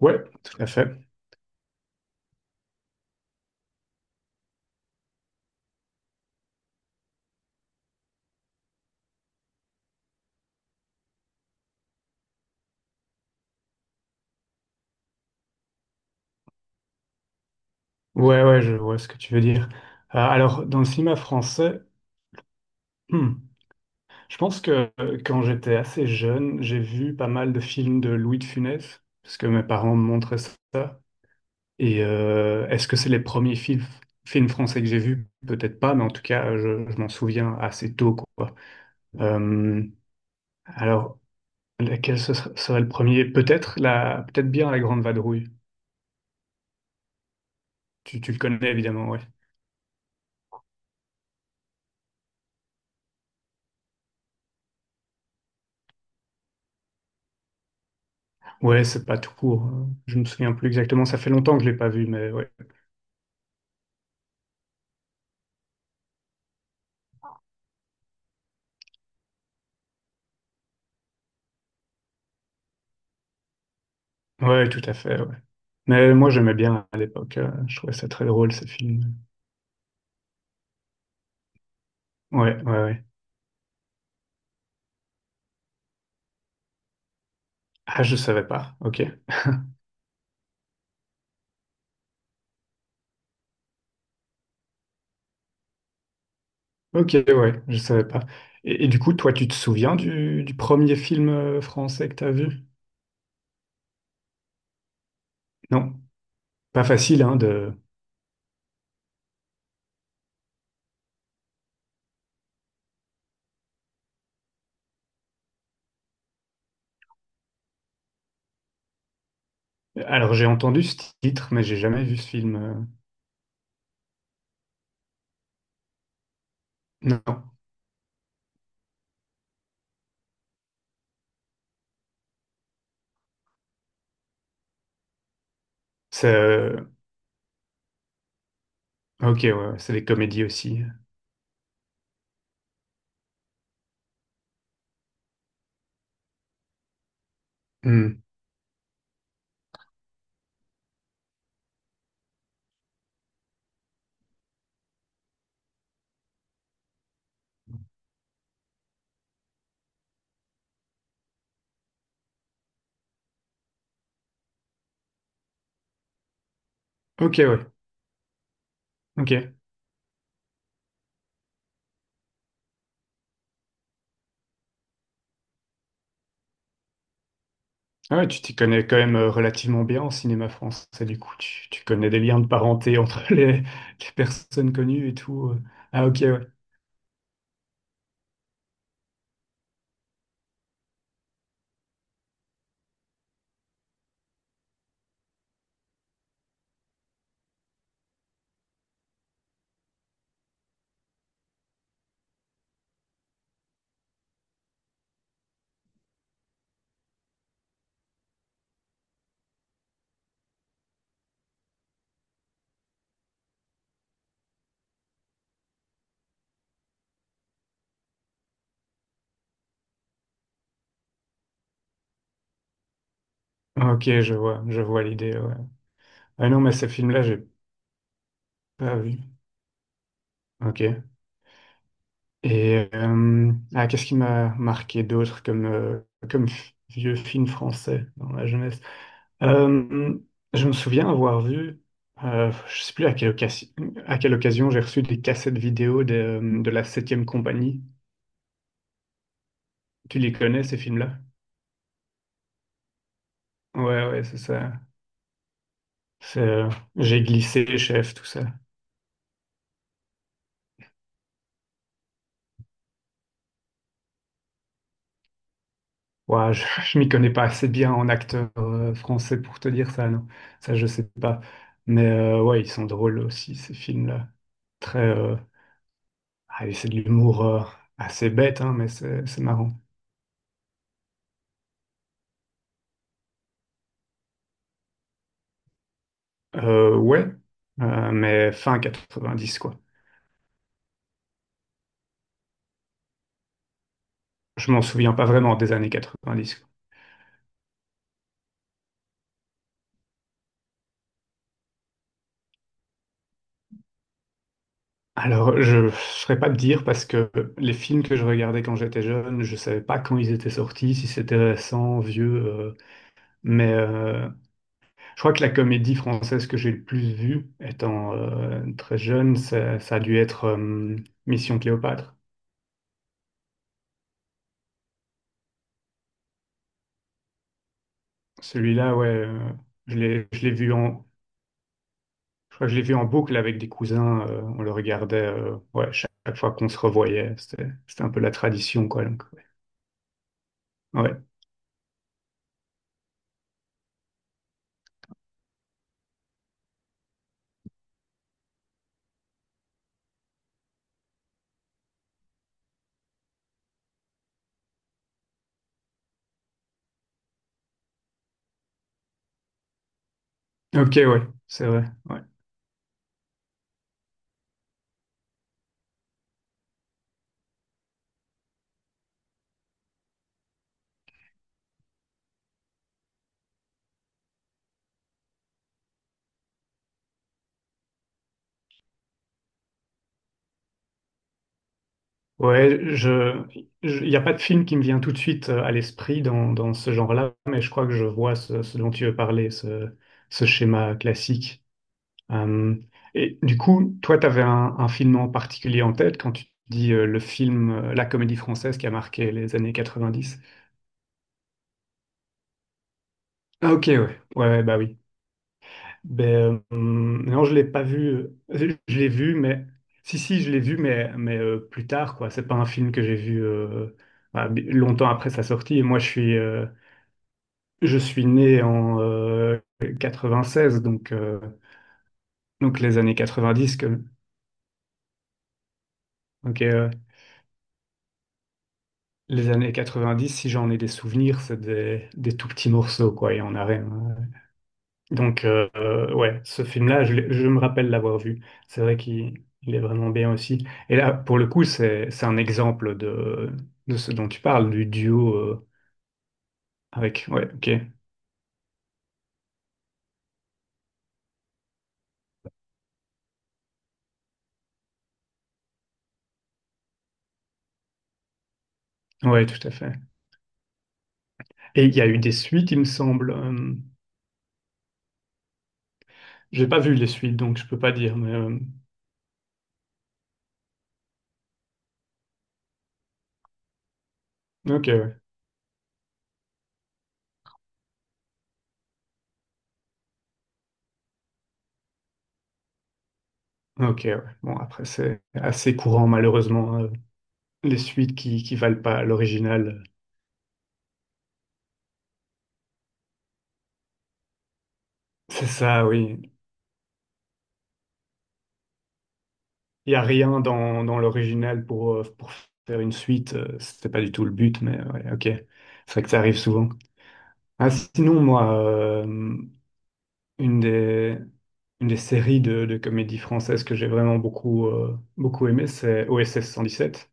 Ouais, tout à fait. Ouais, ouais, je vois ce que tu veux dire. Alors, dans le cinéma français, hmm, je pense que quand j'étais assez jeune, j'ai vu pas mal de films de Louis de Funès, parce que mes parents me montraient ça. Et est-ce que c'est les premiers films français que j'ai vus? Peut-être pas, mais en tout cas, je m'en souviens assez tôt, quoi. Euh, alors, lequel serait le premier? Peut-être bien La Grande Vadrouille. Tu le connais évidemment, ouais. Ouais, c'est pas tout court, hein. Je me souviens plus exactement. Ça fait longtemps que je l'ai pas vu, mais ouais. Ouais, tout à fait, ouais. Mais moi, j'aimais bien à l'époque. Je trouvais ça très drôle, ces films. Ouais, ouais, ouais. Ah, je savais pas. Ok. Ok, ouais, je savais pas. Et du coup, toi, tu te souviens du, premier film français que t'as vu? Non. Pas facile, hein, de. Alors, j'ai entendu ce titre, mais j'ai jamais vu ce film. Non. C'est... euh, Ok, ouais, c'est des comédies aussi. Hmm. Ok, ouais. Ok. Ah ouais, tu t'y connais quand même relativement bien en cinéma français, du coup, tu connais des liens de parenté entre les personnes connues et tout. Ah ok, ouais. Ah, ok, je vois l'idée, ouais. Ah non, mais ce film-là, j'ai pas vu. Ok. Et, ah, qu'est-ce qui m'a marqué d'autre comme, vieux film français dans ma jeunesse? Euh, je me souviens avoir vu, je sais plus à quelle occasion, j'ai reçu des cassettes vidéo de la Septième compagnie. Tu les connais, ces films-là? Ouais, ouais, c'est ça. C'est, j'ai glissé, chef, tout ça. Ouais, je m'y connais pas assez bien en acteur français pour te dire ça, non. Ça, je sais pas. Mais ouais, ils sont drôles aussi, ces films-là. Très. Allez, c'est de l'humour assez bête, hein, mais c'est marrant. Ouais, mais fin 90, quoi. Je m'en souviens pas vraiment des années 90, quoi. Alors, je ne saurais pas te dire parce que les films que je regardais quand j'étais jeune, je savais pas quand ils étaient sortis, si c'était récent, vieux. Mais je crois que la comédie française que j'ai le plus vue, étant très jeune, ça a dû être Mission Cléopâtre. Celui-là, ouais, je l'ai, je l'ai vu en, je crois que je l'ai vu en boucle avec des cousins. On le regardait, ouais, chaque fois qu'on se revoyait. C'était un peu la tradition, quoi. Donc, ouais. Ouais. Ok, ouais, c'est vrai. Ouais. Ouais, il n'y a pas de film qui me vient tout de suite à l'esprit dans ce genre-là, mais je crois que je vois ce dont tu veux parler, ce schéma classique. Euh, et du coup, toi, tu avais un film en particulier en tête quand tu dis la comédie française qui a marqué les années 90. Ah, ok, ouais, ouais, ouais, bah oui. Ben, non, je l'ai pas vu. Je l'ai vu, mais si, je l'ai vu, mais plus tard, quoi. C'est pas un film que j'ai vu longtemps après sa sortie. Et moi, je suis né en 96, donc, donc les années 90. Ok, ouais. Les années 90, si j'en ai des souvenirs, c'est des tout petits morceaux, quoi, et on a rien. Donc, ouais, ce film-là, je me rappelle l'avoir vu. C'est vrai qu'il il est vraiment bien aussi. Et là, pour le coup, c'est un exemple de, ce dont tu parles, du duo avec. Ouais, ok. Ouais, tout à fait. Et il y a eu des suites, il me semble. J'ai pas vu les suites, donc je peux pas dire, mais. Ok, ouais. Ok, ouais. Bon, après, c'est assez courant, malheureusement, les suites qui valent pas l'original. C'est ça, oui. Il n'y a rien dans l'original pour faire une suite. C'était pas du tout le but, mais ouais, ok. C'est vrai que ça arrive souvent. Ah, sinon, moi, une des, une des séries de comédie française que j'ai vraiment beaucoup aimé, c'est OSS 117.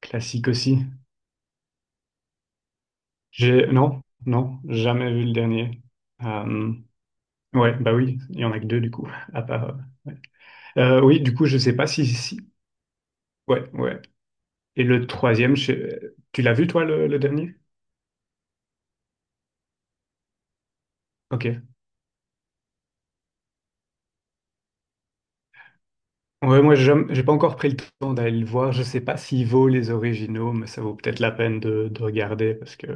Classique aussi. Non, non, jamais vu le dernier. Euh, ouais, bah oui, il y en a que deux du coup, à part. Ouais. Oui, du coup, je sais pas si, si, ouais, ouais. Et le troisième, tu l'as vu toi le dernier? Ok. Ouais, moi j'ai pas encore pris le temps d'aller le voir. Je sais pas s'il vaut les originaux, mais ça vaut peut-être la peine de regarder parce que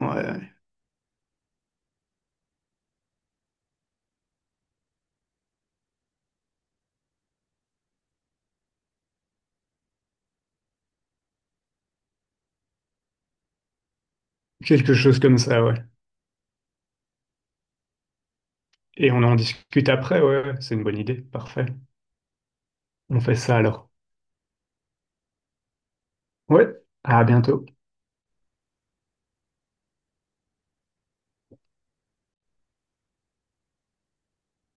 ouais, quelque chose comme ça, ouais. Et on en discute après, ouais, ouais, c'est une bonne idée. Parfait. On fait ça alors. Ouais. À bientôt.